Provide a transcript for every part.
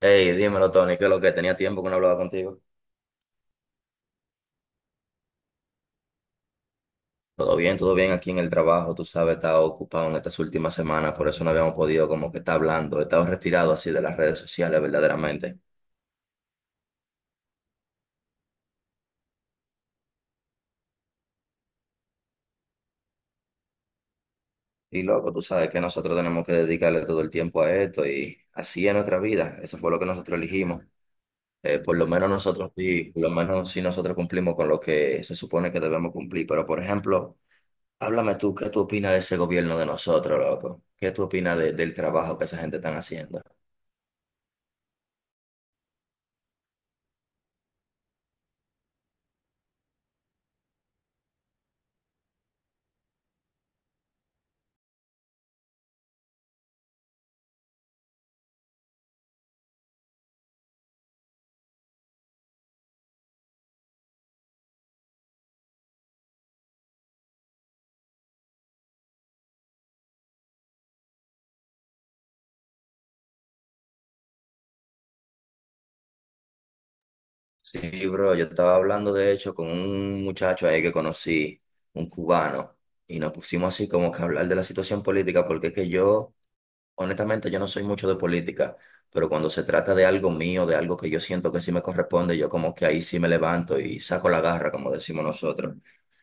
Hey, dímelo, Tony, que lo que tenía tiempo que no hablaba contigo. Todo bien aquí en el trabajo, tú sabes, estaba ocupado en estas últimas semanas, por eso no habíamos podido como que estar hablando, he estado retirado así de las redes sociales verdaderamente. Y loco, tú sabes que nosotros tenemos que dedicarle todo el tiempo a esto y así es nuestra vida, eso fue lo que nosotros elegimos. Por lo menos nosotros sí, por lo menos sí nosotros cumplimos con lo que se supone que debemos cumplir, pero por ejemplo, háblame tú, ¿qué tú opinas de ese gobierno de nosotros, loco? ¿Qué tú opinas del trabajo que esa gente está haciendo? Sí, bro, yo estaba hablando de hecho con un muchacho ahí que conocí, un cubano, y nos pusimos así como que a hablar de la situación política, porque es que yo, honestamente, yo no soy mucho de política, pero cuando se trata de algo mío, de algo que yo siento que sí me corresponde, yo como que ahí sí me levanto y saco la garra, como decimos nosotros.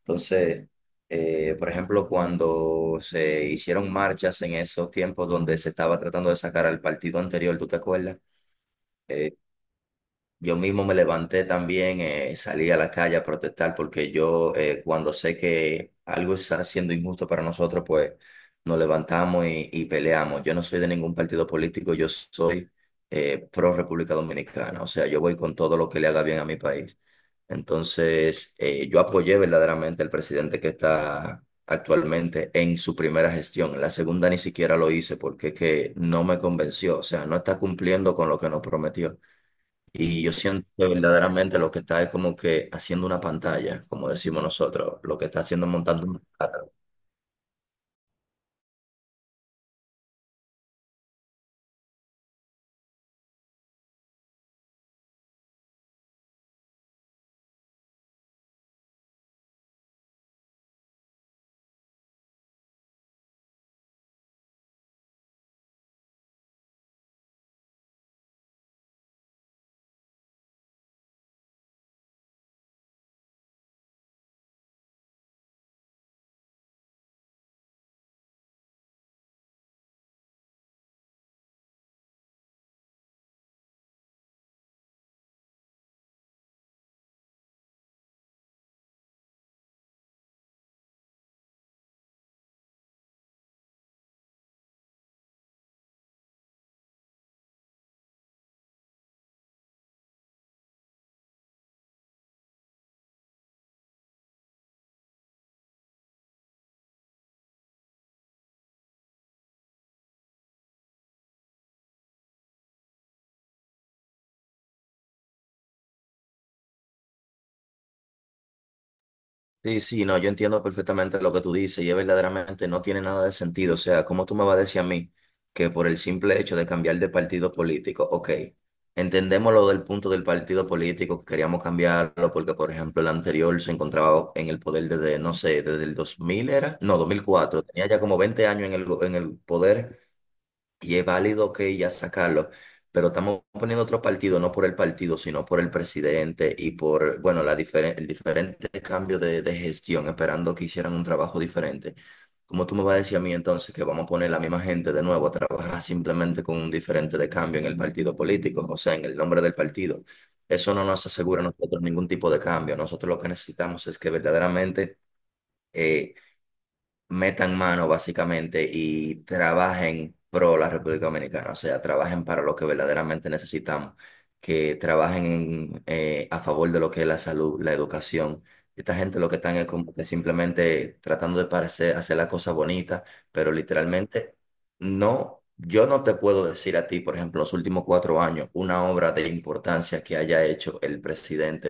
Entonces, por ejemplo, cuando se hicieron marchas en esos tiempos donde se estaba tratando de sacar al partido anterior, ¿tú te acuerdas? Yo mismo me levanté también, salí a la calle a protestar porque yo cuando sé que algo está siendo injusto para nosotros, pues nos levantamos y peleamos. Yo no soy de ningún partido político, yo soy pro República Dominicana, o sea, yo voy con todo lo que le haga bien a mi país. Entonces, yo apoyé verdaderamente al presidente que está actualmente en su primera gestión. En la segunda ni siquiera lo hice porque es que no me convenció, o sea, no está cumpliendo con lo que nos prometió. Y yo siento que verdaderamente lo que está es como que haciendo una pantalla, como decimos nosotros, lo que está haciendo es montando un teatro. Sí, sí, no, yo entiendo perfectamente lo que tú dices y es verdaderamente no tiene nada de sentido. O sea, ¿cómo tú me vas a decir a mí que por el simple hecho de cambiar de partido político? Ok, entendemos lo del punto del partido político, que queríamos cambiarlo porque, por ejemplo, el anterior se encontraba en el poder desde, no sé, desde el 2000 era, no, 2004, tenía ya como 20 años en el poder. Y es válido que ya sacarlo, pero estamos poniendo otro partido, no por el partido, sino por el presidente y por, bueno, la diferen el diferente cambio de gestión, esperando que hicieran un trabajo diferente. ¿Cómo tú me vas a decir a mí entonces que vamos a poner la misma gente de nuevo a trabajar simplemente con un diferente de cambio en el partido político, o sea, en el nombre del partido? Eso no nos asegura a nosotros ningún tipo de cambio. Nosotros lo que necesitamos es que verdaderamente eh, metan mano básicamente y trabajen pro la República Dominicana, o sea, trabajen para lo que verdaderamente necesitamos, que trabajen en, a favor de lo que es la salud, la educación. Esta gente lo que están es como que simplemente tratando de parecer, hacer la cosa bonita, pero literalmente no, yo no te puedo decir a ti, por ejemplo, los últimos 4 años, una obra de importancia que haya hecho el presidente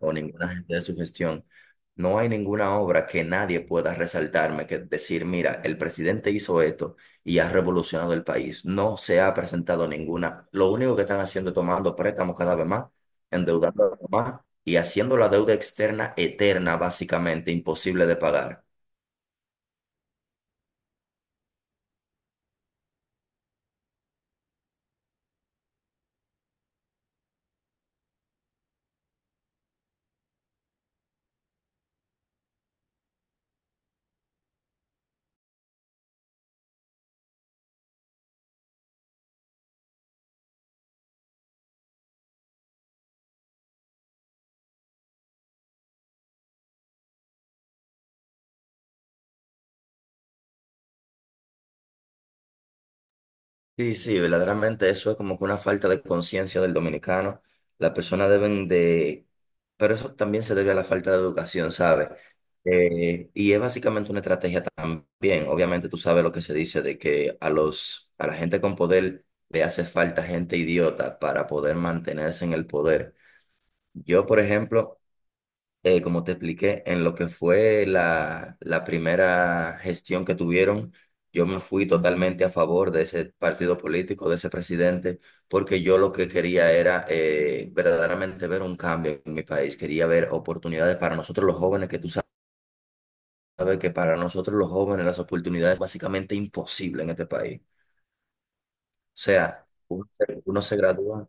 o ninguna gente de su gestión. No hay ninguna obra que nadie pueda resaltarme, que decir, mira, el presidente hizo esto y ha revolucionado el país. No se ha presentado ninguna. Lo único que están haciendo es tomando préstamos cada vez más, endeudando más y haciendo la deuda externa eterna, básicamente imposible de pagar. Sí, sí, verdaderamente eso es como que una falta de conciencia del dominicano. Las personas deben de. Pero eso también se debe a la falta de educación, ¿sabes? Y es básicamente una estrategia también. Obviamente tú sabes lo que se dice de que a la gente con poder le hace falta gente idiota para poder mantenerse en el poder. Yo, por ejemplo como te expliqué, en lo que fue la primera gestión que tuvieron, yo me fui totalmente a favor de ese partido político, de ese presidente, porque yo lo que quería era verdaderamente ver un cambio en mi país, quería ver oportunidades para nosotros los jóvenes, que tú sabes que para nosotros los jóvenes las oportunidades básicamente imposibles en este país. O sea, uno se gradúa.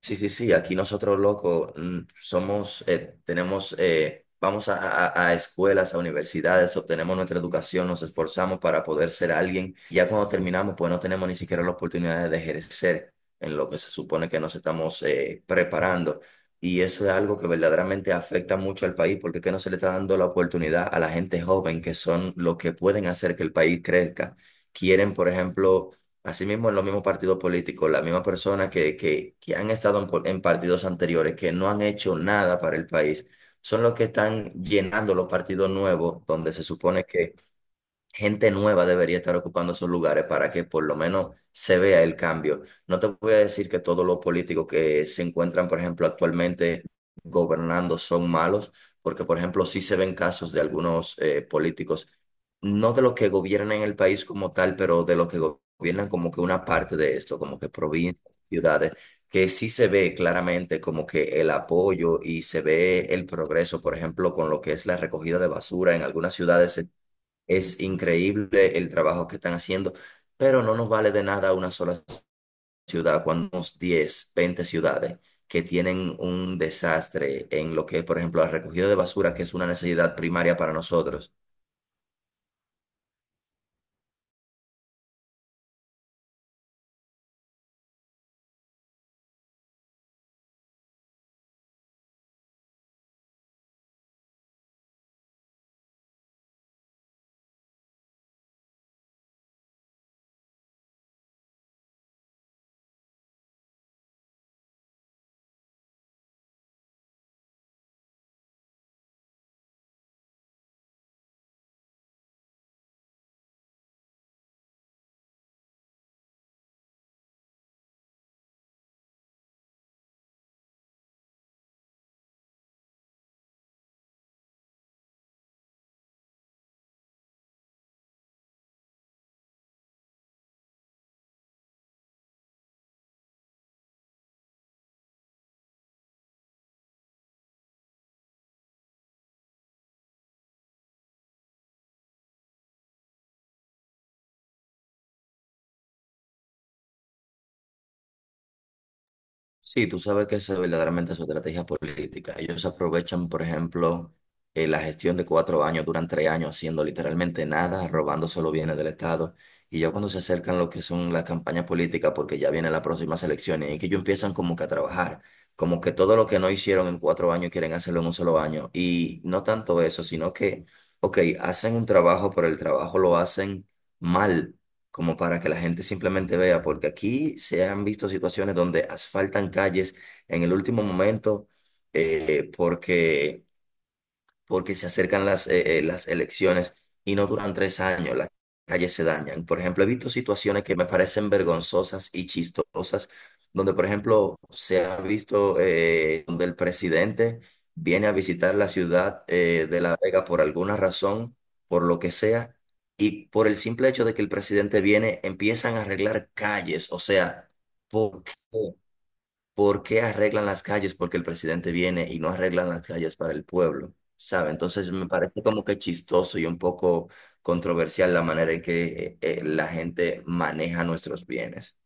Sí, sí, sí, aquí nosotros, loco, somos, tenemos, vamos a escuelas, a universidades, obtenemos nuestra educación, nos esforzamos para poder ser alguien. Ya cuando terminamos, pues no tenemos ni siquiera la oportunidad de ejercer en lo que se supone que nos estamos preparando. Y eso es algo que verdaderamente afecta mucho al país, porque es que no se le está dando la oportunidad a la gente joven, que son los que pueden hacer que el país crezca. Quieren, por ejemplo. Asimismo, en los mismos partidos políticos, las mismas personas que han estado en partidos anteriores, que no han hecho nada para el país, son los que están llenando los partidos nuevos, donde se supone que gente nueva debería estar ocupando esos lugares para que por lo menos se vea el cambio. No te voy a decir que todos los políticos que se encuentran, por ejemplo, actualmente gobernando son malos, porque, por ejemplo, sí se ven casos de algunos políticos, no de los que gobiernan el país como tal, pero de los que gobiernan como que una parte de esto, como que provincias, ciudades. Que sí se ve claramente como que el apoyo y se ve el progreso, por ejemplo, con lo que es la recogida de basura en algunas ciudades es increíble el trabajo que están haciendo, pero no nos vale de nada una sola ciudad cuando tenemos 10, 20 ciudades que tienen un desastre en lo que, por ejemplo, la recogida de basura, que es una necesidad primaria para nosotros. Sí, tú sabes que esa es verdaderamente su estrategia política. Ellos aprovechan, por ejemplo, la gestión de 4 años, duran 3 años haciendo literalmente nada, robándose los bienes del Estado. Y ya cuando se acercan lo que son las campañas políticas, porque ya vienen las próximas elecciones, y que ellos empiezan como que a trabajar, como que todo lo que no hicieron en 4 años quieren hacerlo en un solo año. Y no tanto eso, sino que, ok, hacen un trabajo, pero el trabajo lo hacen mal como para que la gente simplemente vea, porque aquí se han visto situaciones donde asfaltan calles en el último momento eh, porque porque se acercan las elecciones y no duran 3 años, las calles se dañan. Por ejemplo, he visto situaciones que me parecen vergonzosas y chistosas, donde, por ejemplo, se ha visto donde el presidente viene a visitar la ciudad de La Vega por alguna razón, por lo que sea. Y por el simple hecho de que el presidente viene, empiezan a arreglar calles. O sea, ¿por qué? ¿Por qué arreglan las calles? Porque el presidente viene y no arreglan las calles para el pueblo, ¿sabe? Entonces me parece como que chistoso y un poco controversial la manera en que la gente maneja nuestros bienes.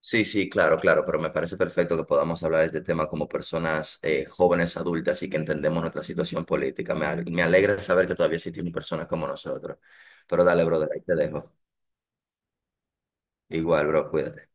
Sí, sí, claro, claro, pero me parece perfecto que podamos hablar de este tema como personas jóvenes, adultas y que entendemos nuestra situación política. Me alegra saber que todavía existen personas como nosotros. Pero dale, brother, ahí te dejo. Igual, bro, cuídate.